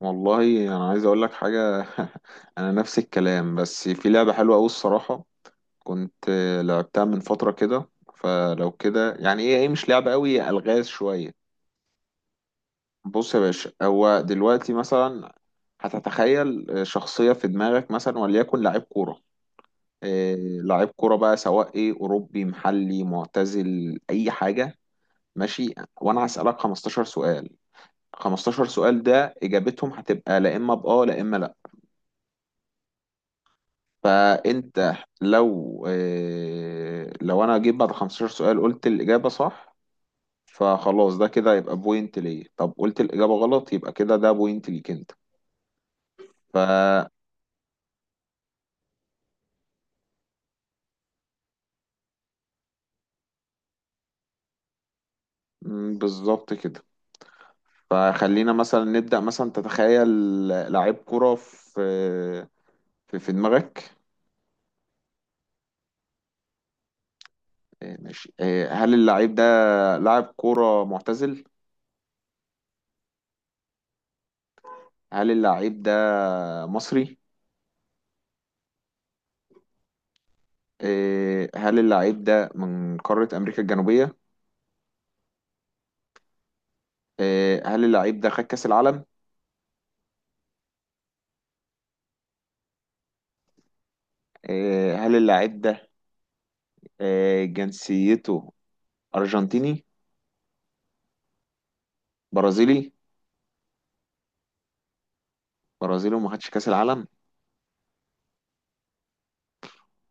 والله انا عايز اقول لك حاجه انا نفس الكلام، بس في لعبه حلوه قوي الصراحه، كنت لعبتها من فتره كده. فلو كده يعني ايه مش لعبه قوي، الغاز شويه. بص يا باشا، هو دلوقتي مثلا هتتخيل شخصيه في دماغك، مثلا وليكن لعيب كوره. إيه، لعيب كوره بقى، سواء ايه اوروبي محلي معتزل اي حاجه. ماشي. وانا هسالك 15 سؤال. 15 سؤال ده اجابتهم هتبقى لا اما باه لا اما. فانت لو انا جيت بعد 15 سؤال قلت الاجابه صح، فخلاص ده كده يبقى بوينت ليا. طب قلت الاجابه غلط، يبقى كده ده بوينت ليك انت. ف بالظبط كده. فخلينا مثلا نبدا، مثلا تتخيل لعيب كره في دماغك. آه، ماشي. آه، هل اللعيب ده لاعب كره معتزل؟ هل اللعيب ده مصري؟ آه، هل اللعيب ده من قاره امريكا الجنوبيه؟ آه، هل اللعيب ده خد كأس العالم؟ آه، هل اللعيب ده، آه، جنسيته أرجنتيني؟ برازيلي؟ برازيلي وما خدش كأس العالم؟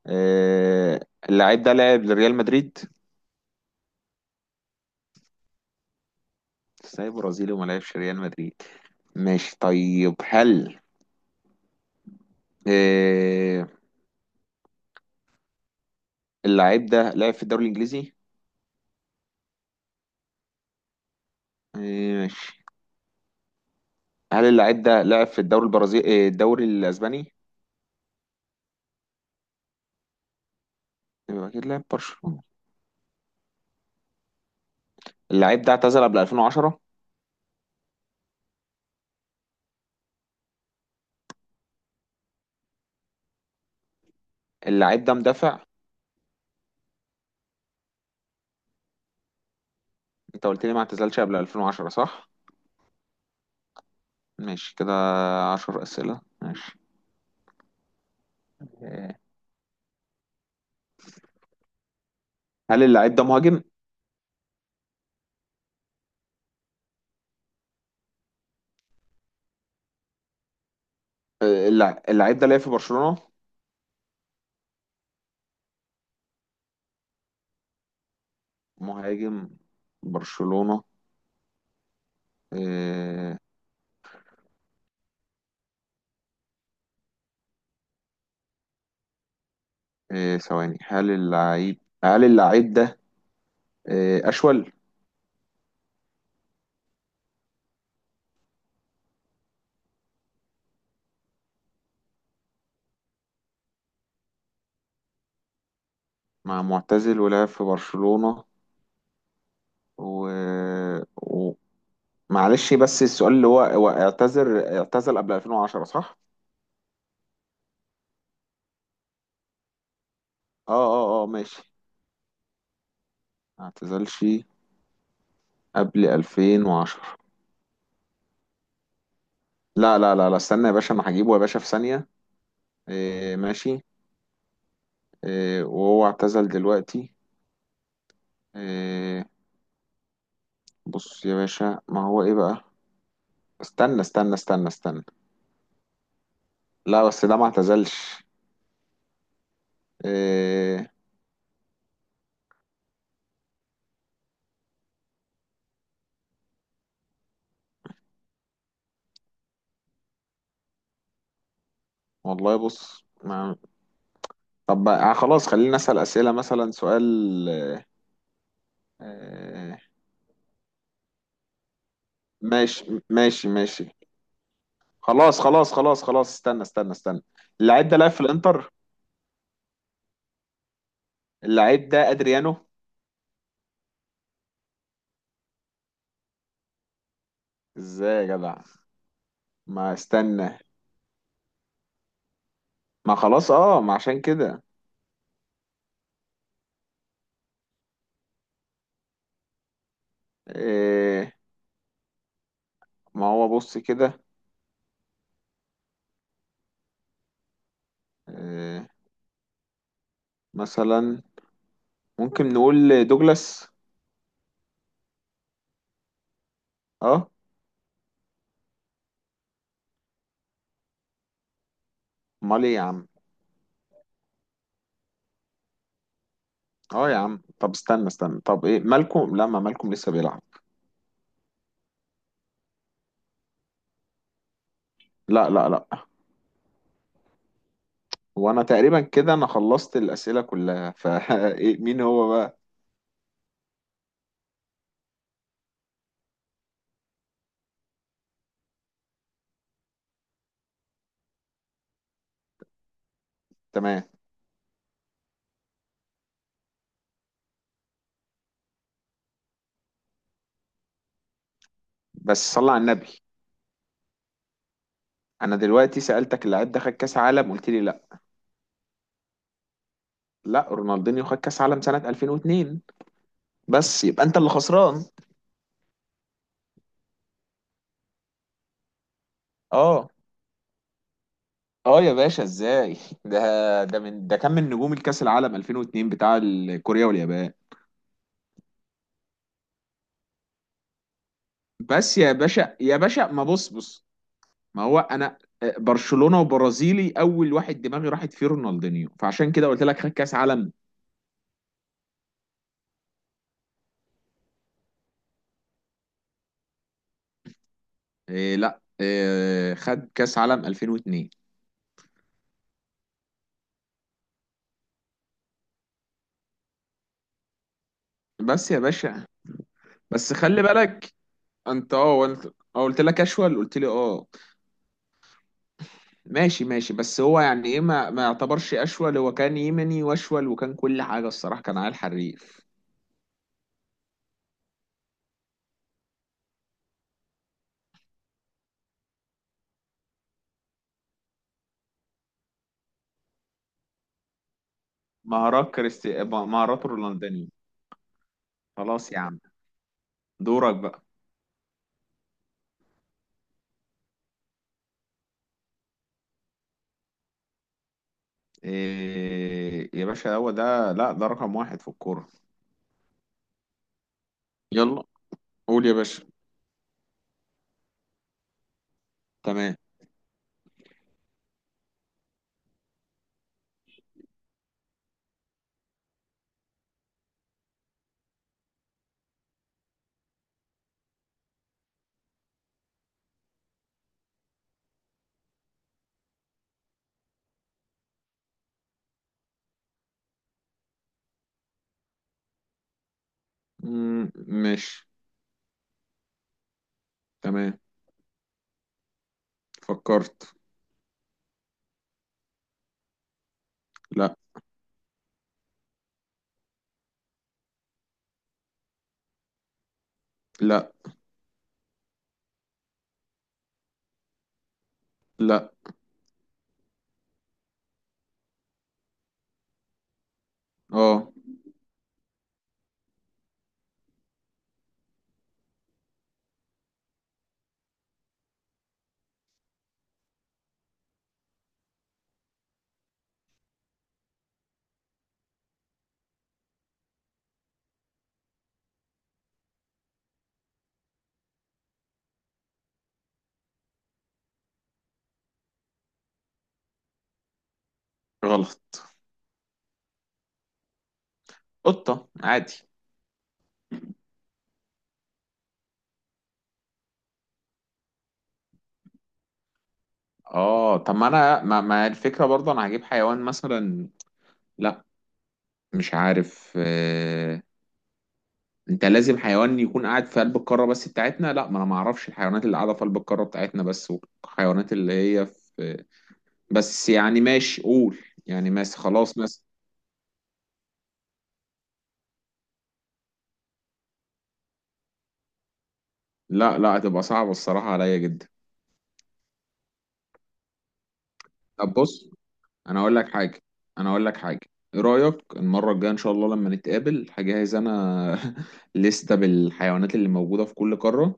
آه، اللعيب ده لعب لريال مدريد؟ ازاي برازيلي وما لعبش ريال مدريد؟ ماشي طيب، هل آه، اللعيب ده لعب في الدوري الإنجليزي؟ آه، ماشي. هل اللعيب ده لعب في الدوري البرازيلي، آه، الدوري الأسباني؟ يبقى أكيد لعب برشلونة. اللعيب ده اعتزل قبل 2010؟ اللعيب ده مدافع؟ انت قلت لي ما اعتزلش قبل 2010 صح؟ ماشي كده. عشر أسئلة. ماشي. آه، هل اللاعب ده مهاجم؟ آه، اللاعب ده لعب في برشلونة. مهاجم، برشلونة. آه، آه، ثواني. هل اللاعب، هل اللاعب ده، آه، أشول؟ مع معتزل ولعب في برشلونة و... و... معلش بس السؤال اللي هو هو اعتزل قبل 2010 صح؟ اه. اه اه، ماشي. ما اعتزلش قبل 2010. لا لا لا لا، استنى يا باشا، انا هجيبه يا باشا في ثانية. إيه، ماشي. إيه، وهو اعتزل دلوقتي؟ إيه. بص يا باشا، ما هو ايه بقى. استنى استنى استنى استنى. لا بس ده ما اعتزلش. إيه. والله بص ما. طب بقى آه، خلاص خلينا نسأل أسئلة، مثلا سؤال. إيه. ماشي ماشي ماشي. خلاص خلاص خلاص خلاص، استنى استنى استنى. اللعيب ده لعب في الانتر. اللعيب ده ادريانو. ازاي يا جدع، ما استنى. ما خلاص اه، ما عشان كده. إيه. ما هو بص كده. إيه، مثلا ممكن نقول دوجلاس. اه. امال ايه يا عم. اه يا عم، طب استنى استنى، طب ايه مالكم، لا ما مالكم لسه بيلعب. لا لا لا. وانا تقريبا كده انا خلصت الاسئله كلها إيه، مين هو بقى. تمام. بس صلى على النبي. انا دلوقتي سالتك اللاعب ده خد كاس عالم، قلت لي لا. لا، رونالدينيو خد كاس عالم سنه 2002، بس يبقى انت اللي خسران. اه. اه يا باشا، ازاي ده كان من نجوم الكاس العالم 2002 بتاع كوريا واليابان. بس يا باشا يا باشا، ما بص بص. ما هو انا آه، برشلونة وبرازيلي، اول واحد دماغي راحت فيه رونالدينيو، فعشان كده قلت لك خد كاس عالم. إيه، لا، إيه خد كاس عالم 2002. بس يا باشا، بس خلي بالك. انت قلت، قلت لك اشول، قلت لي اه. ماشي ماشي، بس هو يعني ايه ما يعتبرش اشول، هو كان يمني واشول وكان كل حاجة الصراحة، كان عيل حريف. مهارات كريستي، مهارات رونالدينيو. خلاص يا عم، دورك بقى. إيه يا باشا، هو ده لا، ده رقم واحد في الكورة. يلا. قول يا باشا. تمام. مم، ماشي. تمام. فكرت. لا لا لا. اه، غلط. قطة عادي. اه، طب ما انا ما الفكرة برضه، انا هجيب حيوان مثلا. لا، مش عارف. آه. انت لازم حيوان يكون قاعد في قلب القارة بس بتاعتنا. لا، ما انا ما اعرفش الحيوانات اللي قاعدة في قلب القارة بتاعتنا بس، والحيوانات اللي هي في. بس يعني ماشي، قول. يعني ماشي خلاص ماشي. لا لا، هتبقى صعبة الصراحة عليا جدا. طب بص. انا اقول لك حاجة. انا اقول لك حاجة. ايه رأيك المرة الجاية ان شاء الله لما نتقابل هجهز انا لستة بالحيوانات اللي موجودة في كل قارة،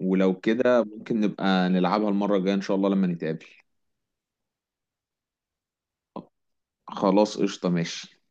ولو كده ممكن نبقى نلعبها المرة الجاية ان شاء الله لما نتقابل. خلاص قشطة ماشي.